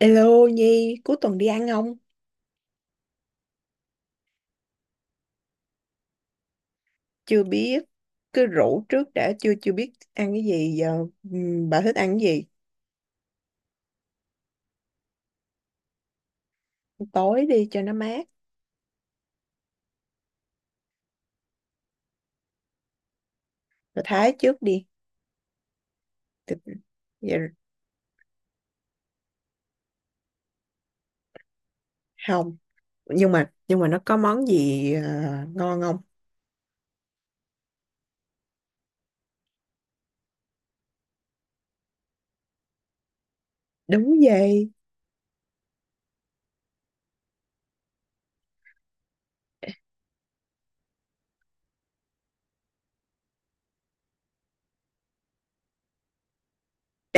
Hello Nhi, cuối tuần đi ăn không? Chưa biết, cứ rủ trước đã, chưa chưa biết ăn cái gì giờ. Bà thích ăn cái gì? Tối đi cho nó mát, rồi Thái trước đi. Thì- Dạ, không, nhưng mà nó có món gì ngon không? Đúng vậy.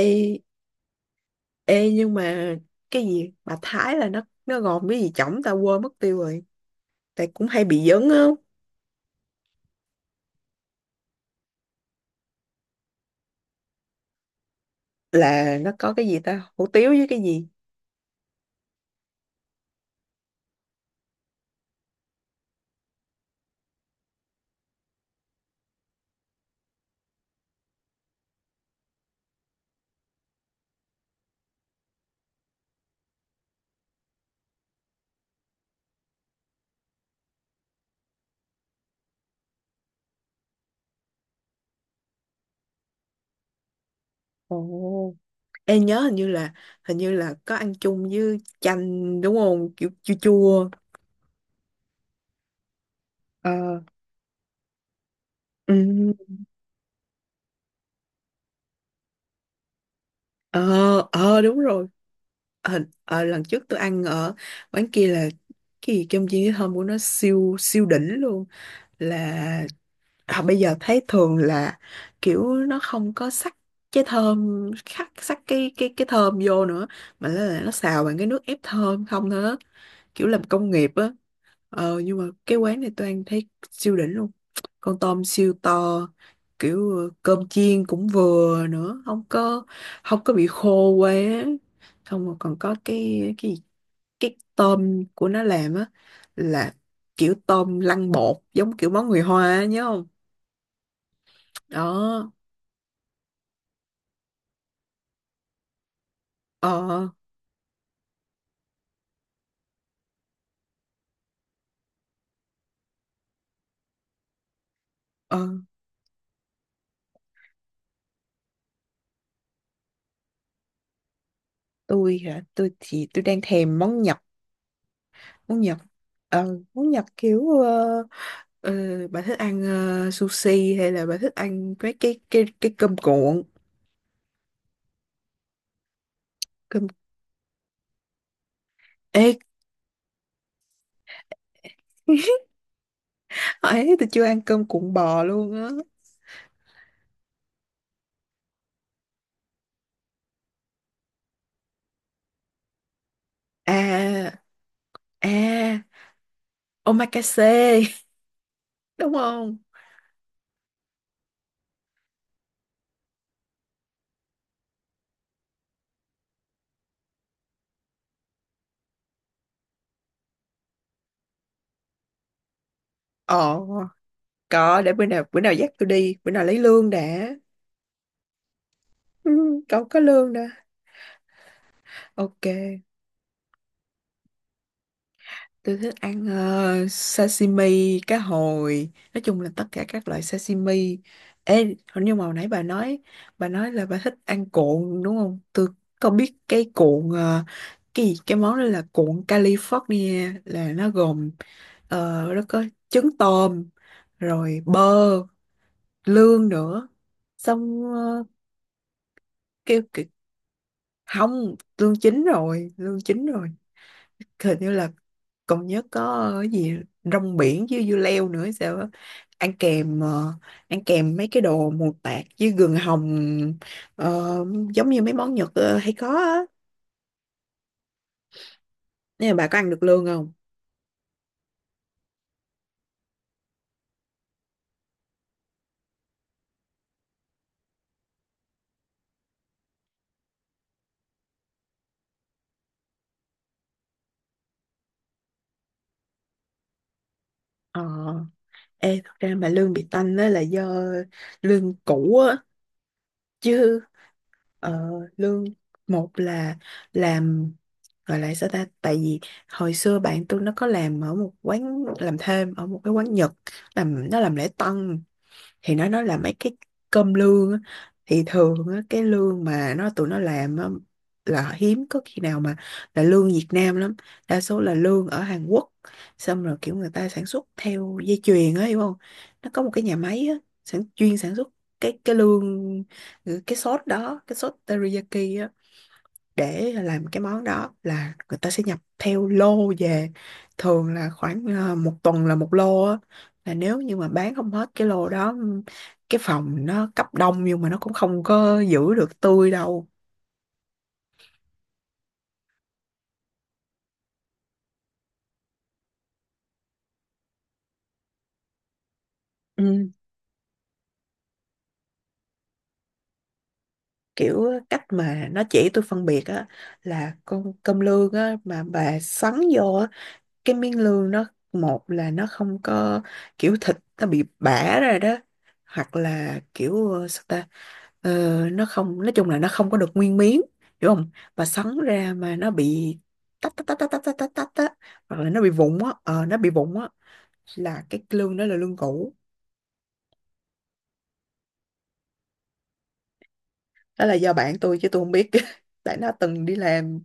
Ê, ê, nhưng mà cái gì bà Thái là nó gồm cái gì chổng ta quên mất tiêu rồi. Tại cũng hay bị dấn á, là nó có cái gì ta, hủ tiếu với cái gì? Ồ. Ê nhớ hình như là có ăn chung với chanh đúng không? Kiểu chua chua. Ờ, ừ, ờ, ờ, đúng rồi. Lần trước tôi ăn ở quán kia là cái gì cơm chiên với thơm của nó siêu siêu đỉnh luôn là à, bây giờ thấy thường là kiểu nó không có sắc cái thơm khắc sắc cái thơm vô nữa mà là nó xào bằng cái nước ép thơm không thôi á. Kiểu làm công nghiệp á. Nhưng mà cái quán này tôi ăn thấy siêu đỉnh luôn, con tôm siêu to, kiểu cơm chiên cũng vừa nữa, không có bị khô quá, xong rồi còn có cái gì? Cái tôm của nó làm á, là kiểu tôm lăn bột giống kiểu món người Hoa á, nhớ không? Đó. ờ ờ tôi hả? Tôi đang thèm món Nhật. Món Nhật món Nhật kiểu ờ, bà thích ăn sushi hay là bà thích ăn mấy cái cơm cuộn? Cơm ê ấy tôi chưa ăn cơm cuộn bò luôn á. à à Omakase đúng không? Ồ, có, để bữa nào dắt tôi đi, bữa nào lấy lương đã. Ừ, cậu có lương đã. Ok. Tôi thích ăn sashimi, cá hồi, nói chung là tất cả các loại sashimi. Ê, hình như mà hồi nãy bà nói là bà thích ăn cuộn đúng không? Tôi có biết cái cuộn cái gì, cái món đó là cuộn California, là nó gồm ờ, nó có trứng tôm, rồi bơ, lương nữa. Xong kêu kì- không, lương chín rồi, lương chín rồi. Hình như là còn nhớ có cái gì rong biển với dưa leo nữa hay sao á, ăn kèm ăn kèm mấy cái đồ mù tạt với gừng hồng, ờ, giống như mấy món Nhật hay có á. Nên là bà có ăn được lương không? Ờ. Ê thật ra mà lương bị tanh đó là do lương cũ á chứ. Ờ, lương một là làm gọi là sao ta, tại vì hồi xưa bạn tôi nó có làm ở một cái quán Nhật, nó làm lễ tân, thì nó nói là mấy cái cơm lương á. Thì thường á, cái lương mà tụi nó làm á, là hiếm có khi nào mà là lương Việt Nam lắm, đa số là lương ở Hàn Quốc, xong rồi kiểu người ta sản xuất theo dây chuyền á, hiểu không? Nó có một cái nhà máy á, chuyên sản xuất cái lương, cái sốt đó, cái sốt teriyaki á, để làm cái món đó là người ta sẽ nhập theo lô về, thường là khoảng một tuần là một lô á. Là nếu như mà bán không hết cái lô đó, cái phòng nó cấp đông nhưng mà nó cũng không có giữ được tươi đâu. Ừ. Kiểu cách mà nó chỉ tôi phân biệt á, là con cơm lương á mà bà sắn vô á, cái miếng lương nó một là nó không có kiểu thịt, nó bị bã ra đó, hoặc là kiểu sao ta. Ờ, nó không, nói chung là nó không có được nguyên miếng, hiểu không? Và sắn ra mà nó bị tách tách tách tách tách tách tách tách á, hoặc là nó bị vụn á, nó bị vụn á, là cái lương đó là lương cũ. Đó là do bạn tôi chứ tôi không biết tại nó từng đi làm.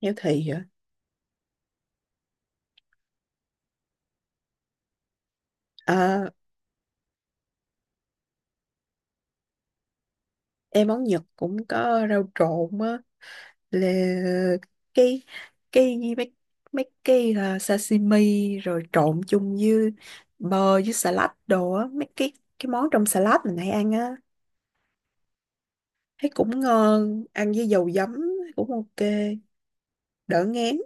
Heo thị hả? Ờ, em món Nhật cũng có rau trộn á, là cái cái gì mấy mấy cái à, sashimi rồi trộn chung với bơ với salad đồ á, mấy cái món trong salad mình hay ăn á, thấy cũng ngon, ăn với dầu giấm cũng ok, đỡ ngán.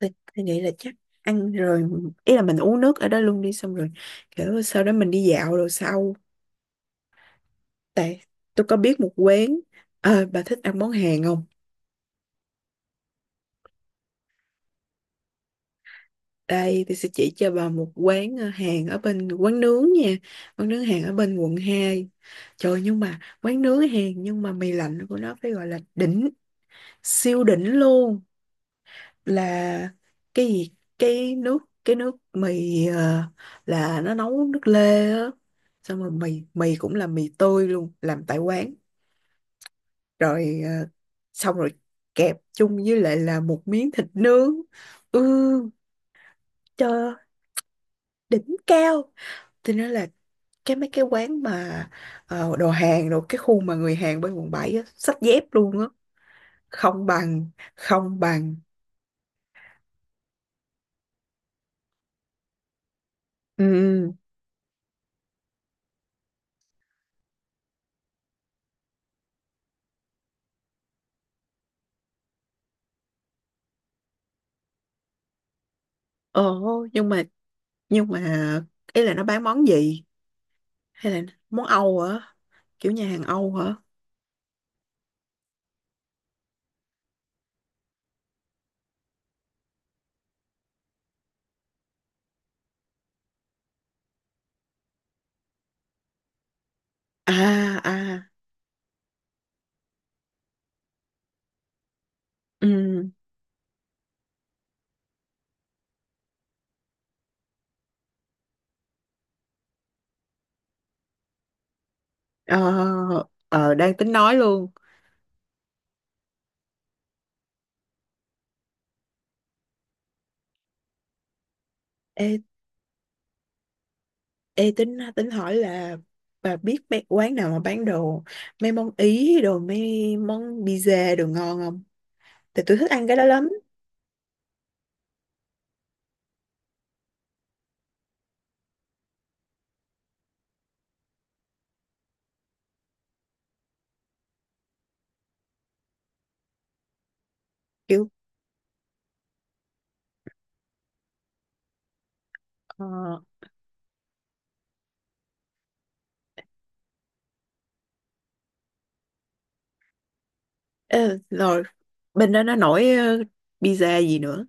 thì, thì nghĩ là chắc ăn rồi, ý là mình uống nước ở đó luôn đi, xong rồi kiểu sau đó mình đi dạo rồi sau. Tại tôi có biết một quán. Ờ, bà thích ăn món Hàn không? Đây tôi sẽ chỉ cho bà một quán Hàn, ở bên quán nướng nha, quán nướng Hàn ở bên quận 2. Trời, nhưng mà quán nướng Hàn nhưng mà mì lạnh của nó phải gọi là đỉnh, siêu đỉnh luôn. Là cái gì, cái nước, cái nước mì là nó nấu nước lê á, xong rồi mì mì cũng là mì tươi luôn, làm tại quán, rồi xong rồi kẹp chung với lại là một miếng thịt nướng. Ừ. Trời ơi, đỉnh cao. Cho nên là cái mấy cái quán mà đồ hàng đồ, cái khu mà người Hàn bên quận 7 á xách dép luôn á, không bằng. Ừ, ừ. Ồ, nhưng mà, nhưng mà ý là nó bán món gì hay là món Âu hả? Kiểu nhà hàng Âu hả? À à, ừ, ờ, đang tính nói luôn. Ê, ê tính tính hỏi là bà biết mấy quán nào mà bán đồ, mấy món Ý đồ, mấy món pizza đồ ngon không? Tại tôi thích ăn cái đó lắm. Kiểu ờ, ê, rồi bên đó nó nổi pizza gì nữa?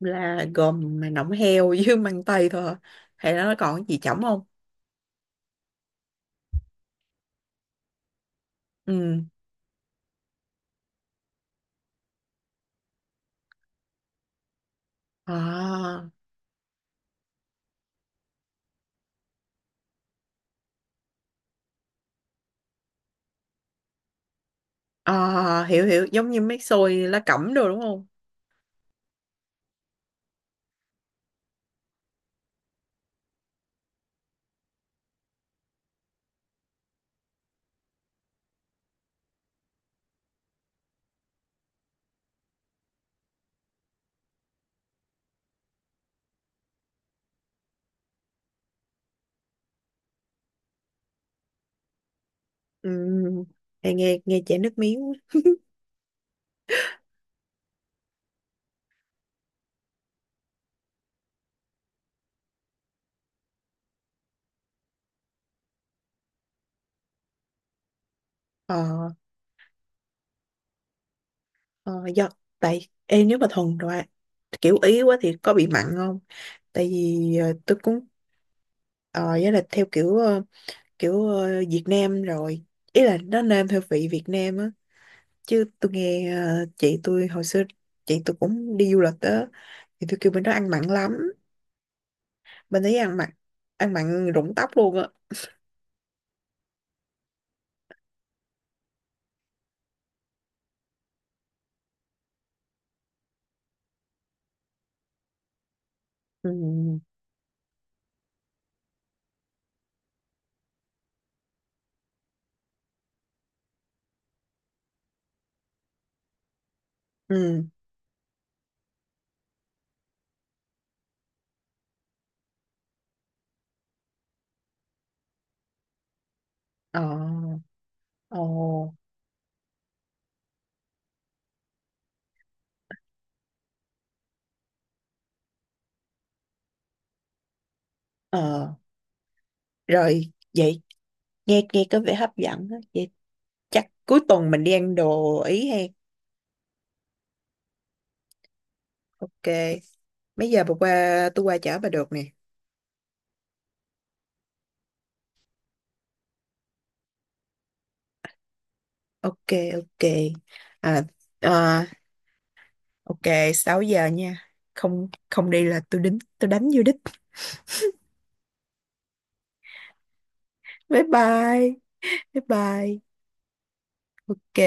Là gồm mà nọng heo với măng tây thôi hả? Hay là nó còn cái gì chỏng không? Ừ, à. À, hiểu hiểu, giống như mấy xôi lá cẩm đồ đúng không? Ừ, nghe nghe nghe chảy nước miếng. Ờ, ờ, Do tại em, nếu mà thuần rồi ạ, kiểu ý quá thì có bị mặn không? Tại vì tôi cũng ờ với là theo kiểu kiểu Việt Nam rồi. Ý là nó nêm theo vị Việt Nam á, chứ tôi nghe chị tôi hồi xưa, chị tôi cũng đi du lịch á, thì tôi kêu bên đó ăn mặn lắm. Bên đấy ăn mặn, ăn mặn rụng tóc luôn á. Ừ. Ừ. Ờ. Ồ, ờ, rồi vậy, nghe nghe có vẻ hấp dẫn đó. Vậy chắc cuối tuần mình đi ăn đồ Ý hay. Ok. Mấy giờ bà qua tôi qua chở bà được nè. Ok, ok. À, à, ok, 6 giờ nha. Không không đi là tôi đính tôi đánh vô đích. Bye bye. Bye bye. Ok.